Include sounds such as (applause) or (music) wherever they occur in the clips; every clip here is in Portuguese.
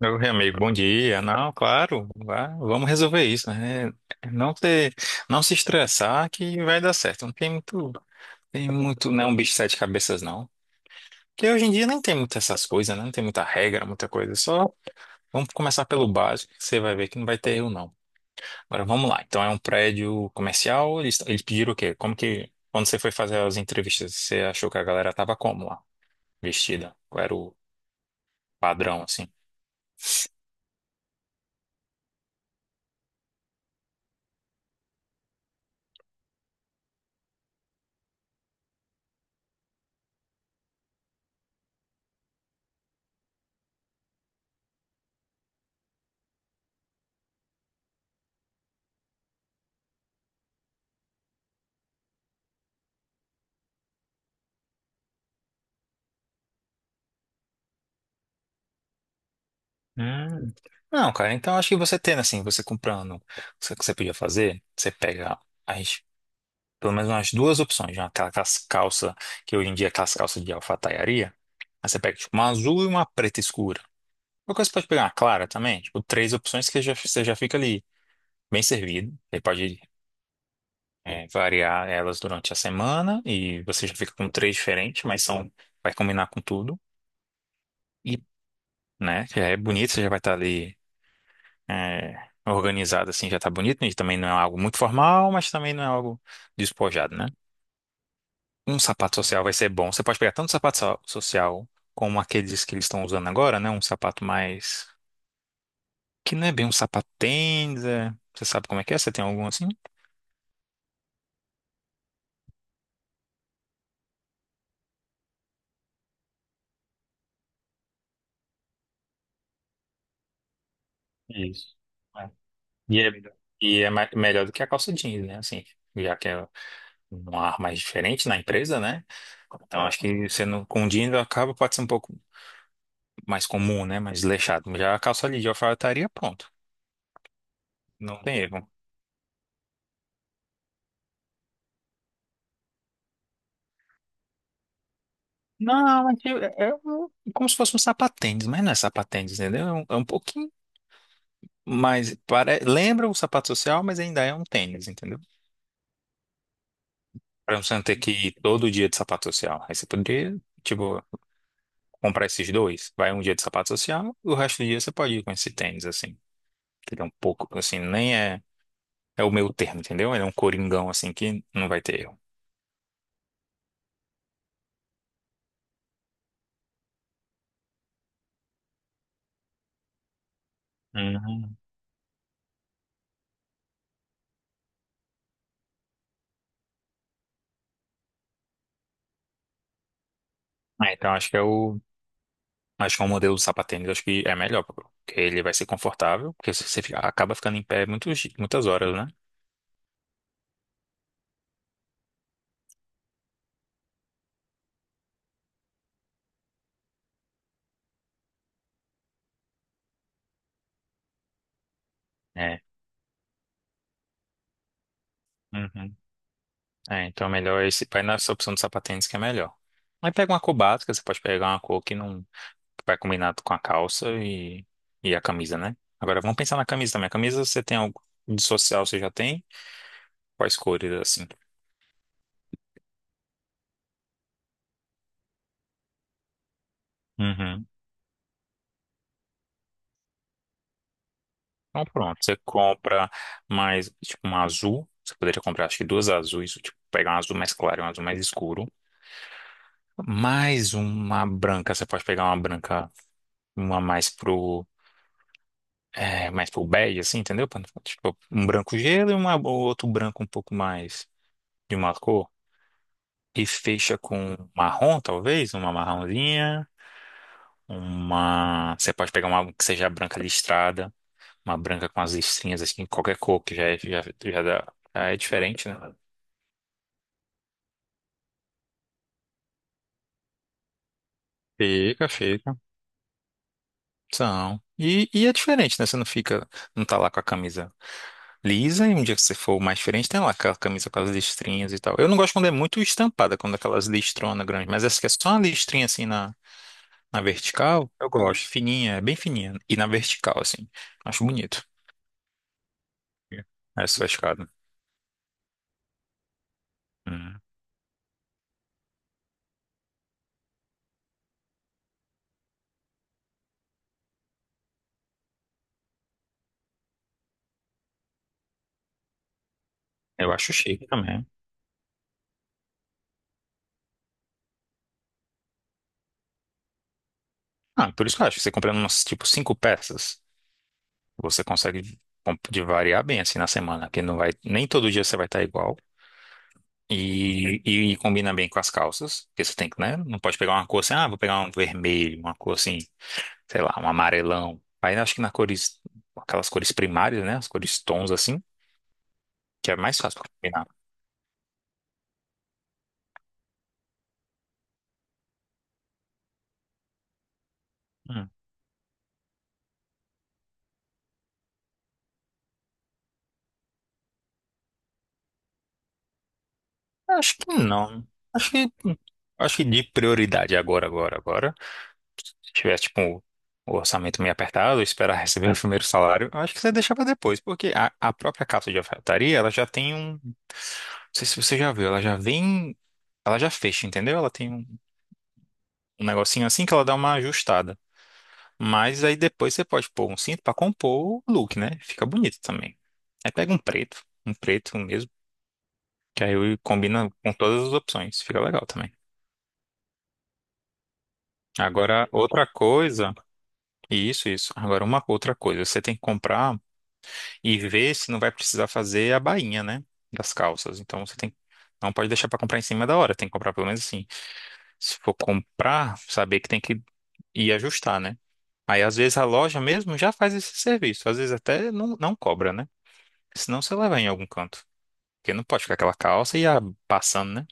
Meu amigo, bom dia. Não, claro, vamos resolver isso, né? Não ter, não se estressar que vai dar certo. Não tem muito, tem muito, não é um bicho de sete cabeças, não. Porque hoje em dia nem tem muitas essas coisas, né? Não tem muita regra, muita coisa. Só vamos começar pelo básico, que você vai ver que não vai ter erro, não. Agora vamos lá. Então é um prédio comercial, eles pediram o quê? Como que, quando você foi fazer as entrevistas, você achou que a galera tava como lá? Vestida? Qual era o padrão, assim? Hum. Não, cara, então acho que você tendo assim, você comprando, o que você podia fazer, você pega as, pelo menos umas duas opções, né? Aquela calça, que hoje em dia é aquelas calças de alfaiataria, aí você pega tipo uma azul e uma preta escura. Uma coisa você pode pegar uma clara também, tipo três opções que já, você já fica ali bem servido. Aí pode variar elas durante a semana e você já fica com três diferentes, mas são, vai combinar com tudo. E, né, já é bonito, você já vai estar ali. Organizado assim já tá bonito, né? E também não é algo muito formal, mas também não é algo despojado, né? Um sapato social vai ser bom. Você pode pegar tanto sapato social como aqueles que eles estão usando agora, né? Um sapato mais que não é bem um sapato tênis, é... Você sabe como é que é? Você tem algum assim? Isso. É. E é, e é melhor do que a calça jeans, né? Assim, já que é um ar mais diferente na empresa, né? Então acho que você não, com jeans acaba pode ser um pouco mais comum, né? Mais leixado. Já a calça ali de alfaiataria, pronto. Não tem erro. Não, mas é, é como se fosse um sapatênis, mas não é sapatênis, entendeu? É um pouquinho mais. Pare... Lembra o sapato social, mas ainda é um tênis, entendeu? Pra você não ter que ir todo dia de sapato social. Aí você poderia, tipo, comprar esses dois. Vai um dia de sapato social, o resto do dia você pode ir com esse tênis, assim. Que ele é um pouco, assim, nem é. É o meu termo, entendeu? Ele é um coringão, assim, que não vai ter erro. Uhum. Ah, então acho que é o. Acho que o modelo do sapatênis acho que é melhor, porque ele vai ser confortável, porque se você acaba ficando em pé muitos, muitas horas, né? É. Uhum. É, então é melhor esse, vai nessa opção do sapatênis que é melhor. Aí pega uma cor básica, você pode pegar uma cor que não que vai combinar com a calça e a camisa, né? Agora vamos pensar na camisa também. A camisa você tem algo de social, você já tem? Quais cores assim? Uhum. Então pronto, você compra mais tipo um azul. Você poderia comprar acho que duas azuis, tipo, pegar um azul mais claro e um azul mais escuro. Mais uma branca, você pode pegar uma branca, uma mais pro, mais pro bege, assim, entendeu? Pra não ficar, tipo, um branco gelo e uma, ou outro branco um pouco mais de uma cor. E fecha com marrom, talvez, uma marronzinha, uma... Você pode pegar uma que seja branca listrada, uma branca com as listrinhas, assim, qualquer cor, que já é, já, já dá... já é diferente, né? Fica, fica. São. E é diferente, né? Você não fica, não tá lá com a camisa lisa, e um dia que você for mais diferente, tem lá aquela camisa com as listrinhas e tal. Eu não gosto quando é muito estampada, quando é aquelas listronas grandes, mas essa que é só uma listrinha assim na, na vertical, eu gosto. Fininha, é bem fininha. E na vertical, assim. Acho bonito. Essa vascada. Hum. Eu acho chique também. Ah, por isso que eu acho. Que Você comprando umas, tipo, cinco peças, você consegue comp- de variar bem assim na semana, que não vai, nem todo dia você vai estar igual. E, e combina bem com as calças, porque você tem que, né? Não pode pegar uma cor assim, ah, vou pegar um vermelho, uma cor assim. Sei lá, um amarelão. Aí eu acho que na cores, aquelas cores primárias, né? As cores tons assim, que é mais fácil pra combinar. Hum. Acho que não. Acho que, acho que de prioridade agora. Se tivesse, tipo, o orçamento meio apertado, esperar receber o primeiro salário, eu acho que você deixa pra depois, porque a própria calça de alfaiataria, ela já tem um. Não sei se você já viu, ela já vem. Ela já fecha, entendeu? Ela tem um negocinho assim que ela dá uma ajustada. Mas aí depois você pode pôr um cinto pra compor o look, né? Fica bonito também. Aí pega um preto mesmo, que aí combina com todas as opções. Fica legal também. Agora, outra coisa, isso, isso. Agora, uma outra coisa, você tem que comprar e ver se não vai precisar fazer a bainha, né? Das calças. Então, não pode deixar pra comprar em cima da hora, tem que comprar pelo menos assim. Se for comprar, saber que tem que ir ajustar, né? Aí, às vezes, a loja mesmo já faz esse serviço, às vezes até não, não cobra, né? Senão você leva em algum canto. Porque não pode ficar aquela calça e a passando, né?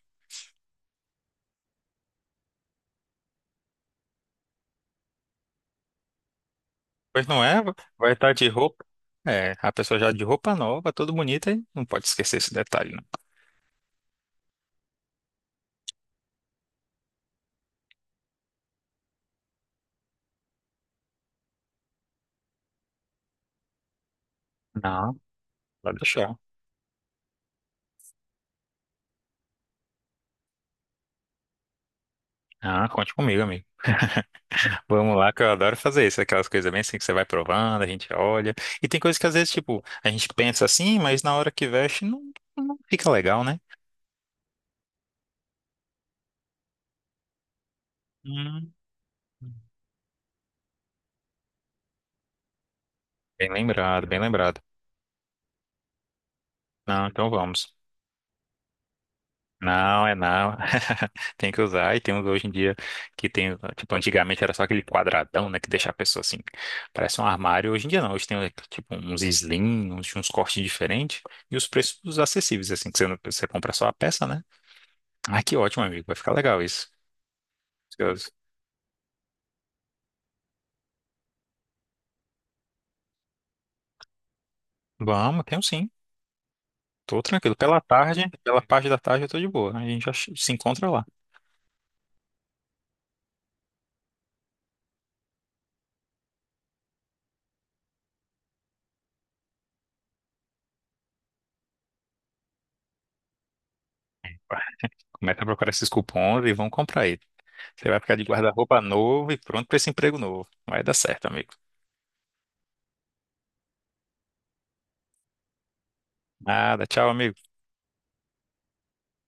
Pois não é? Vai estar de roupa. É, a pessoa já de roupa nova, toda bonita, e não pode esquecer esse detalhe, né? Não, pode deixar. Ah, conte comigo, amigo. Vamos lá, que eu adoro fazer isso. Aquelas coisas bem assim que você vai provando, a gente olha. E tem coisas que às vezes, tipo, a gente pensa assim, mas na hora que veste não, não fica legal, né? Hum. Bem lembrado, bem lembrado. Não, então vamos. Não, é não. (laughs) Tem que usar. E tem uns hoje em dia que tem. Tipo, antigamente era só aquele quadradão, né? Que deixa a pessoa assim. Parece um armário. Hoje em dia não. Hoje tem, tipo, uns slim, uns cortes diferentes. E os preços acessíveis, assim. Que você, você compra só a peça, né? Ah, que ótimo, amigo. Vai ficar legal isso. Curioso. Vamos, tenho sim. Tô tranquilo. Pela tarde, pela parte da tarde eu tô de boa. A gente já se encontra lá. Começa a procurar esses cupons e vão comprar aí. Você vai ficar de guarda-roupa novo e pronto pra esse emprego novo. Vai dar certo, amigo. Nada, tchau, amigo.